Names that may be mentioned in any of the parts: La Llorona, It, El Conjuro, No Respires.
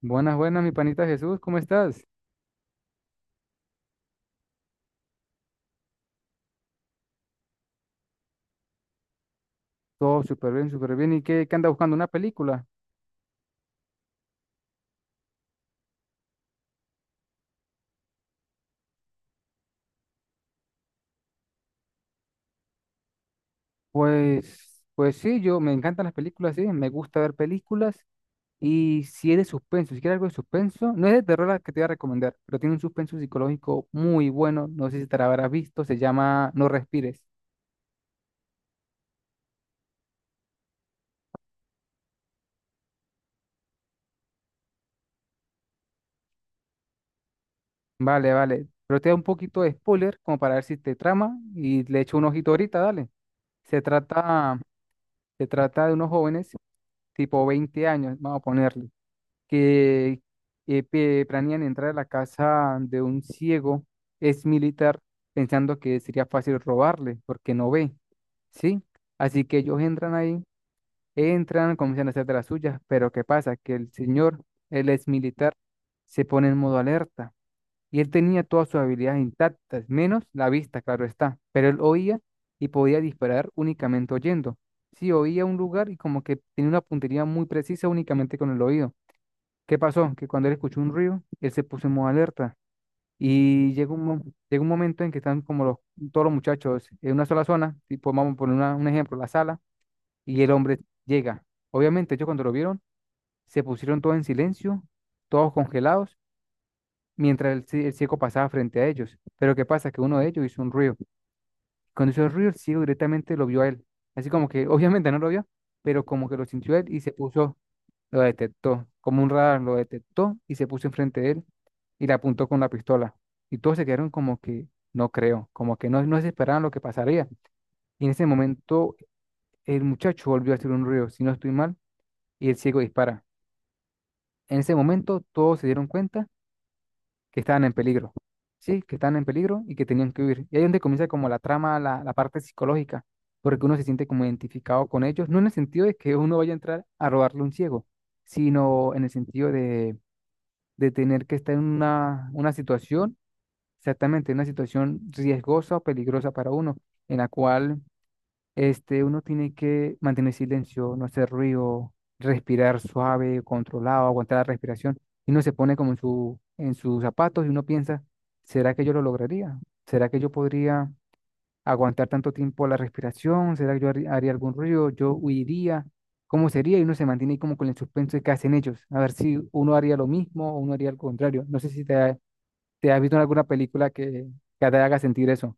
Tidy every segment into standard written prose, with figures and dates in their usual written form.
Buenas, buenas, mi panita Jesús, ¿cómo estás? Todo súper bien, súper bien. ¿Y qué anda buscando? ¿Una película? Pues sí, yo me encantan las películas, sí, me gusta ver películas. Y si es de suspenso, si quieres algo de suspenso, no es de terror la que te voy a recomendar, pero tiene un suspenso psicológico muy bueno, no sé si te la habrás visto, se llama No Respires. Vale, vale, pero te da un poquito de spoiler como para ver si te trama y le echo un ojito ahorita, dale. Se trata, se trata de unos jóvenes, tipo 20 años, vamos a ponerle que planean entrar a la casa de un ciego, es militar, pensando que sería fácil robarle porque no ve, ¿sí? Así que ellos entran ahí, entran, comienzan a hacer de las suyas, pero ¿qué pasa? Que el señor, él es militar, se pone en modo alerta y él tenía todas sus habilidades intactas, menos la vista, claro está, pero él oía y podía disparar únicamente oyendo. Sí, oía un lugar y como que tenía una puntería muy precisa únicamente con el oído. ¿Qué pasó? Que cuando él escuchó un ruido, él se puso en modo alerta. Y llega un momento en que están como todos los muchachos en una sola zona, tipo, vamos a poner un ejemplo, la sala, y el hombre llega. Obviamente, ellos cuando lo vieron, se pusieron todos en silencio, todos congelados, mientras el ciego pasaba frente a ellos. Pero ¿qué pasa? Que uno de ellos hizo un ruido. Cuando hizo el ruido, el ciego directamente lo vio a él. Así como que, obviamente no lo vio, pero como que lo sintió él y se puso lo detectó, como un radar, lo detectó y se puso enfrente de él y le apuntó con la pistola. Y todos se quedaron como que no creo, como que no se esperaban lo que pasaría. Y en ese momento el muchacho volvió a hacer un ruido, si no estoy mal, y el ciego dispara. En ese momento todos se dieron cuenta que estaban en peligro, sí, que estaban en peligro y que tenían que huir. Y ahí es donde comienza como la trama, la parte psicológica, porque uno se siente como identificado con ellos, no en el sentido de que uno vaya a entrar a robarle a un ciego, sino en el sentido de tener que estar en una situación, exactamente, una situación riesgosa o peligrosa para uno, en la cual uno tiene que mantener silencio, no hacer ruido, respirar suave, controlado, aguantar la respiración, y uno se pone como en sus zapatos y uno piensa, ¿será que yo lo lograría? ¿Será que yo podría aguantar tanto tiempo la respiración? ¿Será que yo haría algún ruido? ¿Yo huiría? ¿Cómo sería? Y uno se mantiene ahí como con el suspenso de qué hacen ellos. A ver si uno haría lo mismo o uno haría lo contrario. No sé si te has visto en alguna película que te haga sentir eso.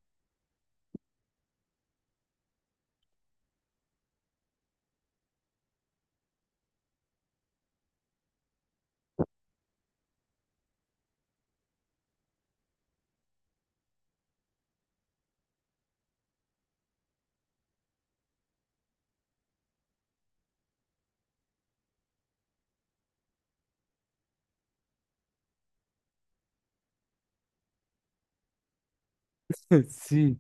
Sí,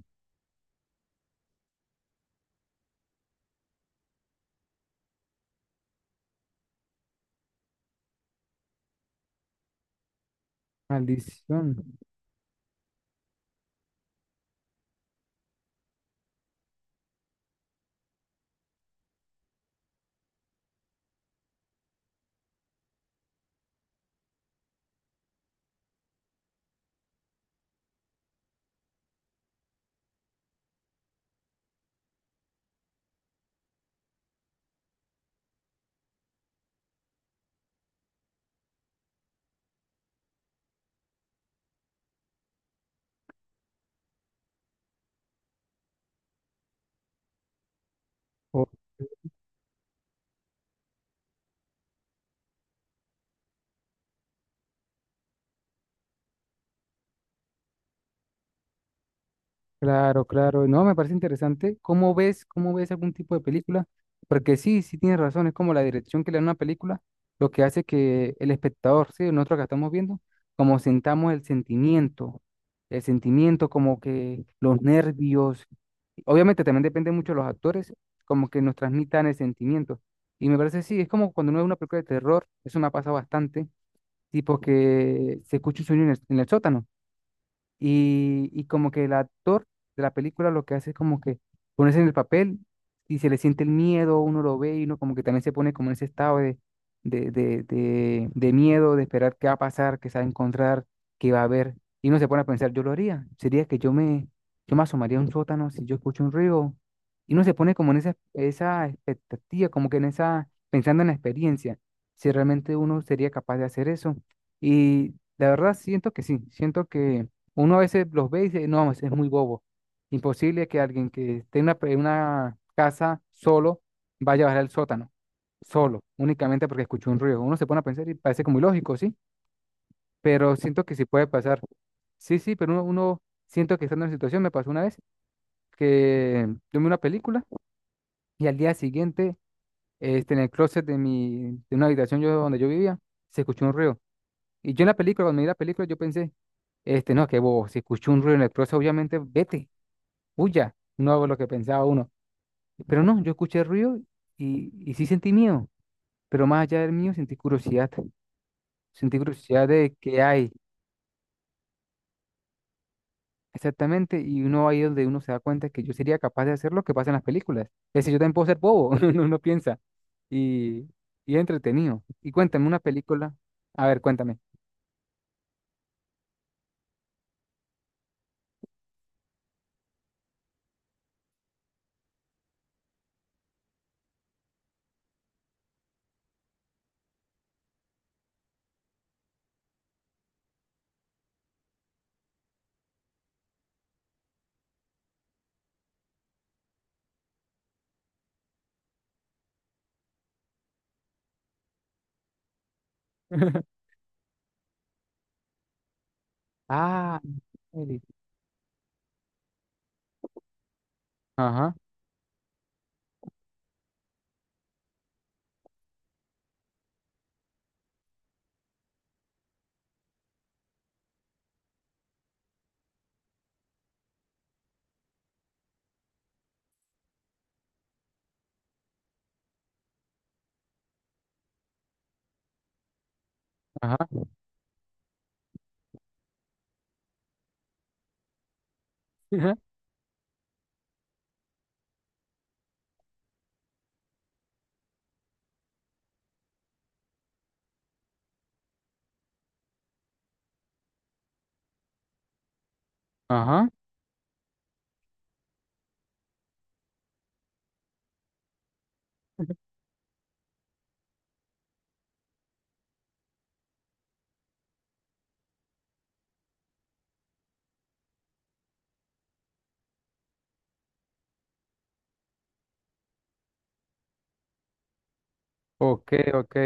Maldición. Claro, claro. No, me parece interesante. ¿Cómo ves algún tipo de película? Porque sí, sí tienes razón, es como la dirección que le da una película, lo que hace que el espectador, sí, nosotros que estamos viendo, como sentamos el sentimiento, como que los nervios, obviamente también depende mucho de los actores, como que nos transmitan el sentimiento. Y me parece, sí, es como cuando uno ve una película de terror, eso me ha pasado bastante, tipo que se escucha un sueño en el sótano. Y como que el actor de la película lo que hace es como que ponerse en el papel y se le siente el miedo, uno lo ve y uno como que también se pone como en ese estado de miedo, de esperar qué va a pasar, qué se va a encontrar, qué va a haber. Y uno se pone a pensar, yo lo haría. Sería que yo me asomaría a un sótano si yo escucho un ruido. Y uno se pone como en esa expectativa, como que pensando en la experiencia, si realmente uno sería capaz de hacer eso. Y la verdad siento que sí, siento que uno a veces los ve y dice, no, es muy bobo. Imposible que alguien que esté en una casa solo vaya a bajar al sótano, solo, únicamente porque escuchó un ruido. Uno se pone a pensar y parece como ilógico, ¿sí? Pero siento que sí puede pasar. Sí, sí, pero uno siento que estando en la situación, me pasó una vez que yo vi una película y al día siguiente, en el closet de una habitación donde yo vivía, se escuchó un ruido. Y yo en la película, cuando vi la película, yo pensé, no, qué bobo, si escuchó un ruido en el closet, obviamente vete huya, no hago lo que pensaba uno. Pero no, yo escuché ruido y sí sentí miedo, pero más allá del mío sentí curiosidad de qué hay exactamente y uno ahí donde uno se da cuenta que yo sería capaz de hacer lo que pasa en las películas. Es decir, yo también puedo ser bobo, uno piensa, y, y es entretenido. Y cuéntame una película, a ver, cuéntame. Ah, Eli. Ajá, ajá, ajá, ajá, ok, ok.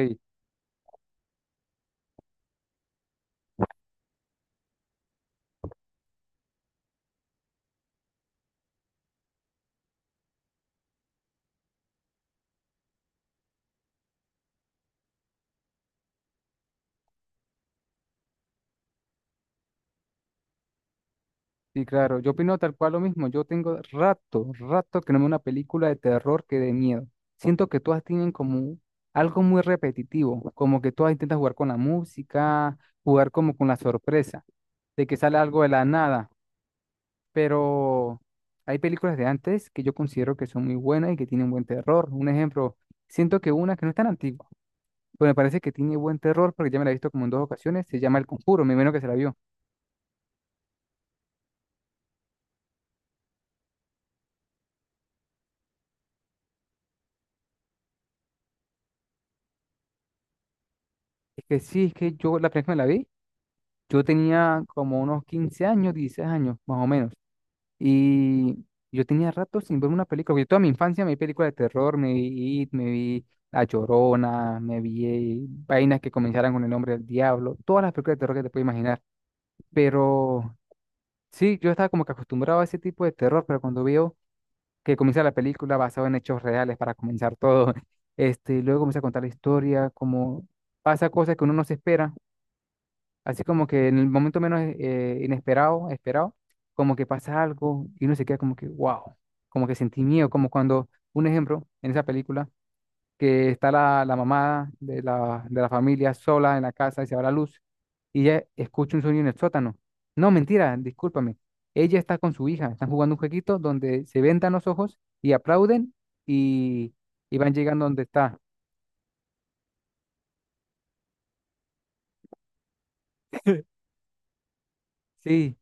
Sí, claro, yo opino tal cual lo mismo. Yo tengo rato, rato que no veo una película de terror que de miedo. Siento que todas tienen como algo muy repetitivo, como que todas intentan jugar con la música, jugar como con la sorpresa, de que sale algo de la nada. Pero hay películas de antes que yo considero que son muy buenas y que tienen buen terror. Un ejemplo, siento que una que no es tan antigua, pero me parece que tiene buen terror porque ya me la he visto como en dos ocasiones, se llama El Conjuro, me menos que se la vio. Es que sí, es que yo la primera vez que me la vi. Yo tenía como unos 15 años, 16 años, más o menos. Y yo tenía rato sin ver una película, porque toda mi infancia me vi películas de terror, me vi It, me vi La Llorona, me vi vainas que comenzaran con el nombre del diablo, todas las películas de terror que te puedes imaginar. Pero sí, yo estaba como que acostumbrado a ese tipo de terror, pero cuando veo que comienza la película basada en hechos reales para comenzar todo, luego comienza a contar la historia, como pasa cosas que uno no se espera. Así como que en el momento menos inesperado, esperado, como que pasa algo y uno se queda como que, wow, como que sentí miedo, como cuando, un ejemplo, en esa película, que está la mamá de la familia sola en la casa y se va la luz y ella escucha un sonido en el sótano. No, mentira, discúlpame. Ella está con su hija, están jugando un jueguito donde se vendan los ojos y aplauden y, y van llegando donde está. Sí,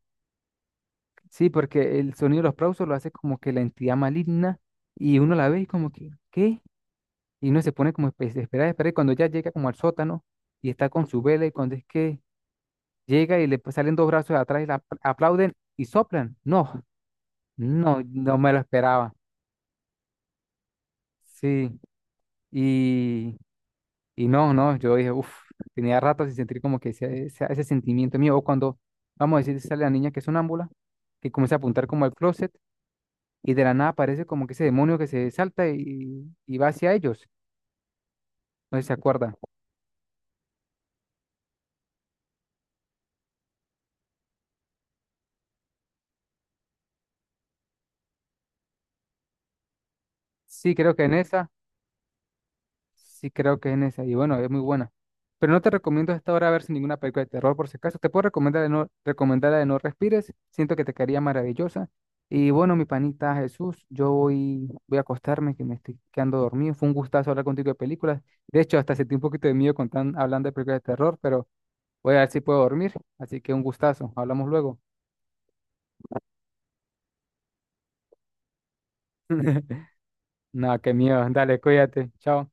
sí, porque el sonido de los aplausos lo hace como que la entidad maligna y uno la ve y como que, ¿qué? Y uno se pone como a esperar, y cuando ya llega como al sótano y está con su vela y cuando es que llega y le pues, salen dos brazos de atrás y la aplauden y soplan. No, no, no me lo esperaba. Sí, y, y no, no, yo dije, uff, tenía rato sin sentir como que ese sentimiento mío o cuando, vamos a decir, sale la niña que es sonámbula, que comienza a apuntar como al closet y de la nada aparece como que ese demonio que se salta y va hacia ellos. No sé si se acuerda. Sí, creo que en esa, sí creo que en esa, y bueno, es muy buena. Pero no te recomiendo hasta ahora ver sin ninguna película de terror, por si acaso. Te puedo recomendar de no, recomendar la de No Respires, siento que te quedaría maravillosa. Y bueno, mi panita Jesús, yo voy, a acostarme, que me estoy quedando dormido. Fue un gustazo hablar contigo de películas. De hecho, hasta sentí un poquito de miedo con hablando de películas de terror, pero voy a ver si puedo dormir. Así que un gustazo, hablamos luego. No, qué miedo. Dale, cuídate. Chao.